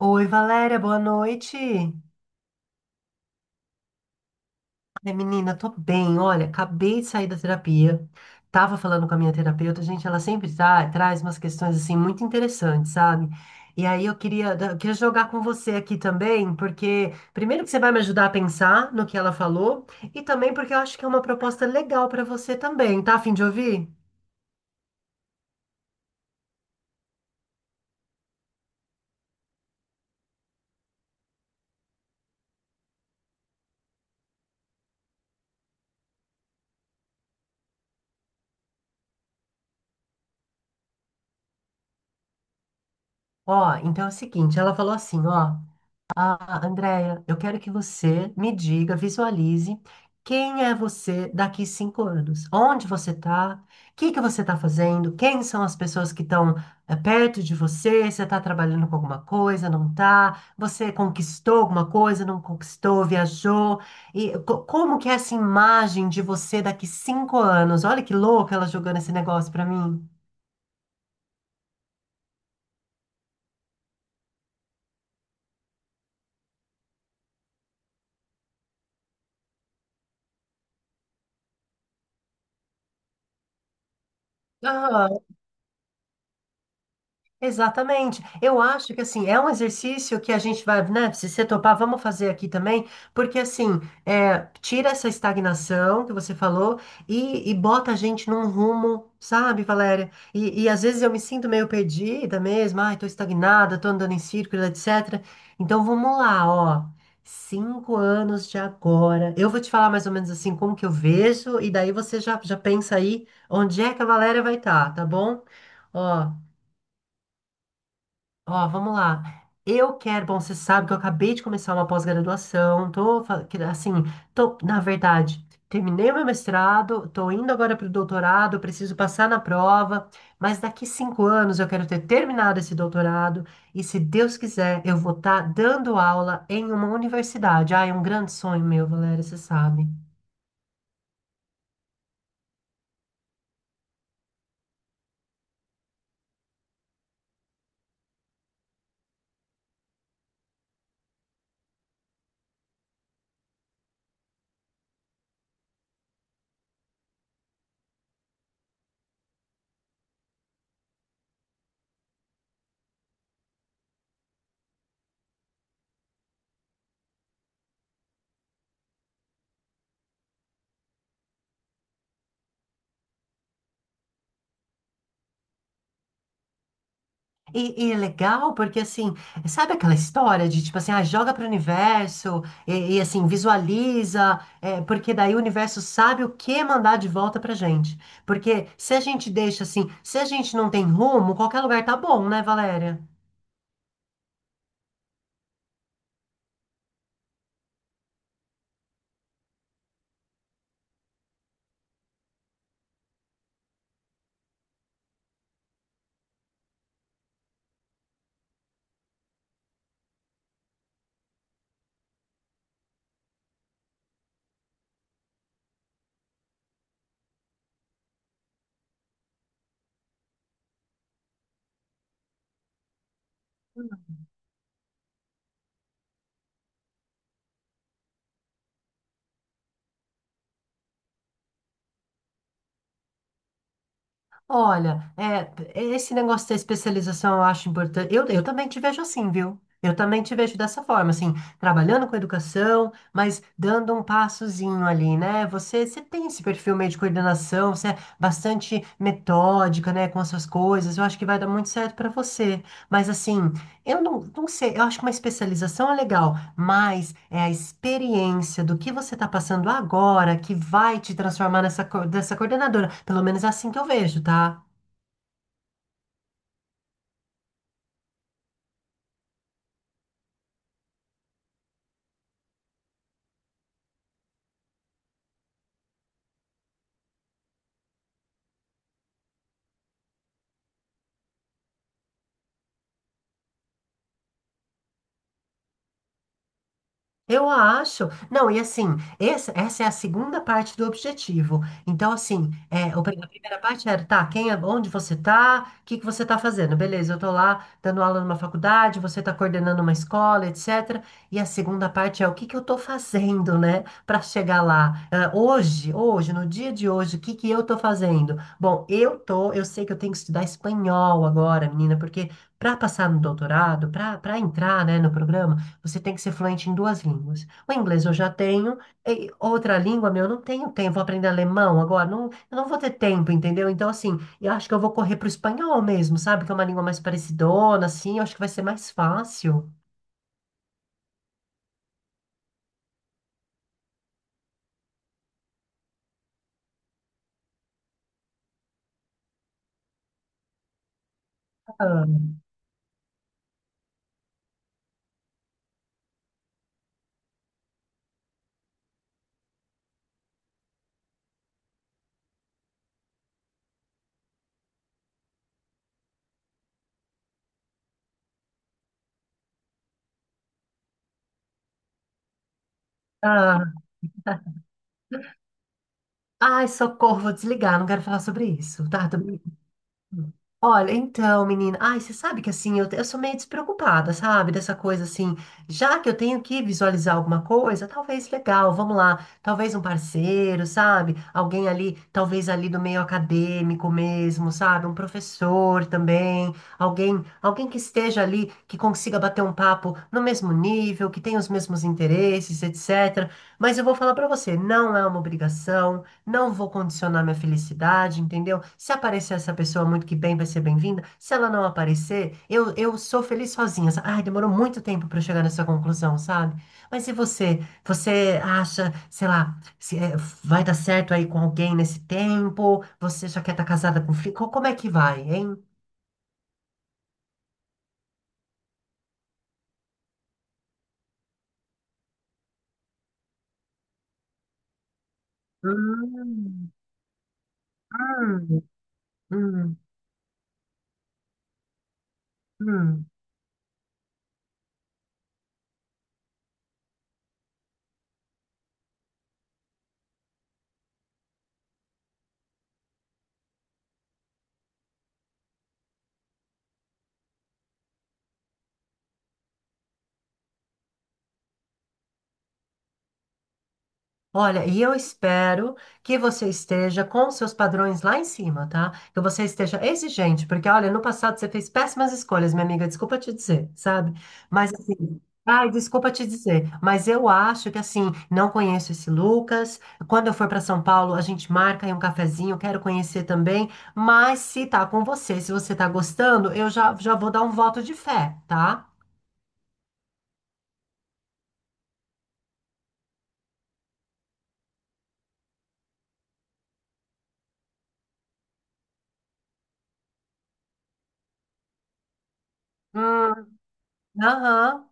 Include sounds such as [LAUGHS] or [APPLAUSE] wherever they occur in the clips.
Oi, Valéria, boa noite. Ai, menina, tô bem. Olha, acabei de sair da terapia. Tava falando com a minha terapeuta, gente, ela sempre traz umas questões assim muito interessantes, sabe? E aí eu queria jogar com você aqui também, porque primeiro que você vai me ajudar a pensar no que ela falou, e também porque eu acho que é uma proposta legal pra você também, tá? A fim de ouvir? Ó, então é o seguinte, ela falou assim, ó. Ah, Andréia, eu quero que você me diga, visualize quem é você daqui 5 anos. Onde você está? O que que você está fazendo? Quem são as pessoas que estão perto de você? Você está trabalhando com alguma coisa? Não está? Você conquistou alguma coisa? Não conquistou? Viajou? E como que é essa imagem de você daqui 5 anos? Olha que louca ela jogando esse negócio para mim. Exatamente. Eu acho que assim, é um exercício que a gente vai, né? Se você topar, vamos fazer aqui também, porque assim, é, tira essa estagnação que você falou e bota a gente num rumo, sabe, Valéria? E às vezes eu me sinto meio perdida mesmo, ai, tô estagnada, tô andando em círculo, etc. Então vamos lá, ó. 5 anos de agora. Eu vou te falar mais ou menos assim como que eu vejo, e daí você já pensa aí onde é que a Valéria vai estar, tá bom? Ó. Ó, vamos lá. Eu quero, bom, você sabe que eu acabei de começar uma pós-graduação, tô, assim, tô, na verdade, terminei o meu mestrado, tô indo agora para o doutorado, preciso passar na prova, mas daqui 5 anos eu quero ter terminado esse doutorado e, se Deus quiser, eu vou estar dando aula em uma universidade. Ah, é um grande sonho meu, Valéria, você sabe. E é legal porque, assim, sabe aquela história de, tipo assim, ah, joga para o universo e, assim, visualiza, é, porque daí o universo sabe o que mandar de volta pra gente. Porque se a gente deixa assim, se a gente não tem rumo, qualquer lugar tá bom, né, Valéria? Olha, é, esse negócio da especialização eu acho importante. Eu também te vejo assim, viu? Eu também te vejo dessa forma, assim, trabalhando com educação, mas dando um passozinho ali, né? Você tem esse perfil meio de coordenação, você é bastante metódica, né, com as suas coisas. Eu acho que vai dar muito certo para você. Mas assim, eu não sei, eu acho que uma especialização é legal, mas é a experiência do que você está passando agora que vai te transformar dessa coordenadora. Pelo menos é assim que eu vejo, tá? Eu acho. Não, e assim, essa é a segunda parte do objetivo. Então, assim, é, a primeira parte era, tá, quem é, onde você tá, o que que você tá fazendo? Beleza, eu tô lá dando aula numa faculdade, você tá coordenando uma escola, etc. E a segunda parte é o que que eu tô fazendo, né, para chegar lá. É, hoje, no dia de hoje, o que que eu tô fazendo? Bom, eu sei que eu tenho que estudar espanhol agora, menina, porque para passar no doutorado, para entrar, né, no programa você tem que ser fluente em duas línguas. O inglês eu já tenho, e outra língua, meu, eu não tenho tempo. Vou aprender alemão agora, não, eu não vou ter tempo, entendeu? Então, assim, eu acho que eu vou correr pro espanhol mesmo, sabe? Que é uma língua mais parecidona, assim, eu acho que vai ser mais fácil. Ah, ah. Ai, socorro, vou desligar, não quero falar sobre isso, tá? Tô. Hum. Olha, então, menina, ai, você sabe que assim, eu sou meio despreocupada, sabe? Dessa coisa assim, já que eu tenho que visualizar alguma coisa, talvez legal, vamos lá, talvez um parceiro, sabe? Alguém ali, talvez ali do meio acadêmico mesmo, sabe? Um professor também, alguém que esteja ali, que consiga bater um papo no mesmo nível, que tenha os mesmos interesses, etc. Mas eu vou falar pra você, não é uma obrigação. Não vou condicionar minha felicidade, entendeu? Se aparecer essa pessoa muito que bem, vai ser bem-vinda. Se ela não aparecer, eu sou feliz sozinha. Ai, demorou muito tempo para eu chegar nessa conclusão, sabe? Mas e você? Você acha, sei lá, se, é, vai dar certo aí com alguém nesse tempo? Você já quer estar casada com filho? Como é que vai, hein? Hum, hum, hum, hum. Olha, e eu espero que você esteja com os seus padrões lá em cima, tá? Que você esteja exigente, porque olha, no passado você fez péssimas escolhas, minha amiga, desculpa te dizer, sabe? Mas assim, ai, desculpa te dizer, mas eu acho que assim, não conheço esse Lucas. Quando eu for para São Paulo, a gente marca aí um cafezinho, quero conhecer também. Mas se tá com você, se você tá gostando, eu já, já vou dar um voto de fé, tá? Hum, aham.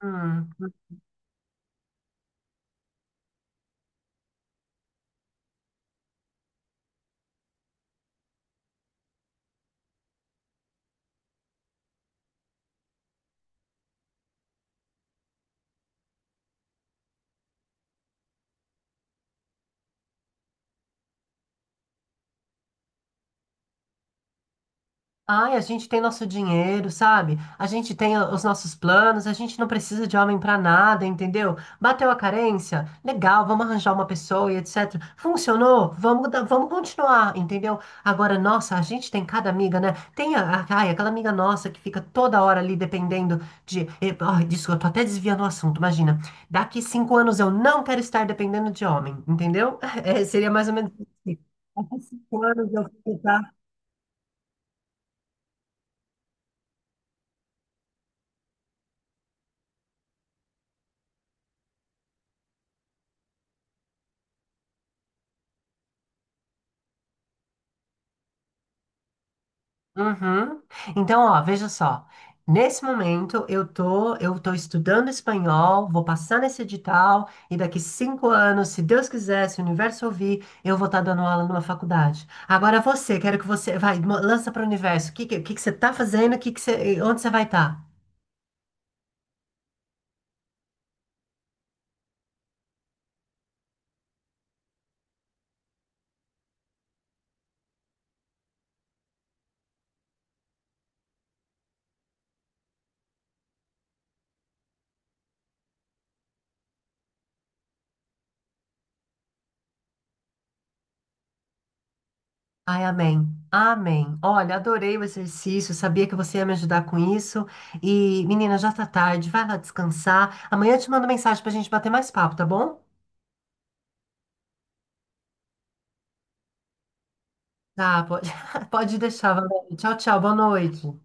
Hum. Ai, a gente tem nosso dinheiro, sabe? A gente tem os nossos planos, a gente não precisa de homem pra nada, entendeu? Bateu a carência? Legal, vamos arranjar uma pessoa e etc. Funcionou? Vamos continuar, entendeu? Agora, nossa, a gente tem cada amiga, né? Tem ai, aquela amiga nossa que fica toda hora ali dependendo de. Ai, desculpa, eu tô até desviando o assunto, imagina. Daqui cinco anos eu não quero estar dependendo de homem, entendeu? [LAUGHS] É, seria mais ou menos isso. Daqui 5 anos eu fico. Uhum. Então, ó, veja só. Nesse momento, eu tô estudando espanhol, vou passar nesse edital, e daqui 5 anos, se Deus quiser, se o universo ouvir, eu vou estar dando aula numa faculdade. Agora você, quero que você, vai, lança para o universo. O que, que você tá fazendo? Que você, onde você vai estar? Ai, amém. Amém. Olha, adorei o exercício, sabia que você ia me ajudar com isso. E, menina, já tá tarde, vai lá descansar. Amanhã eu te mando mensagem pra gente bater mais papo, tá bom? Tá, pode, [LAUGHS] pode deixar, Valéria. Tchau, tchau, boa noite.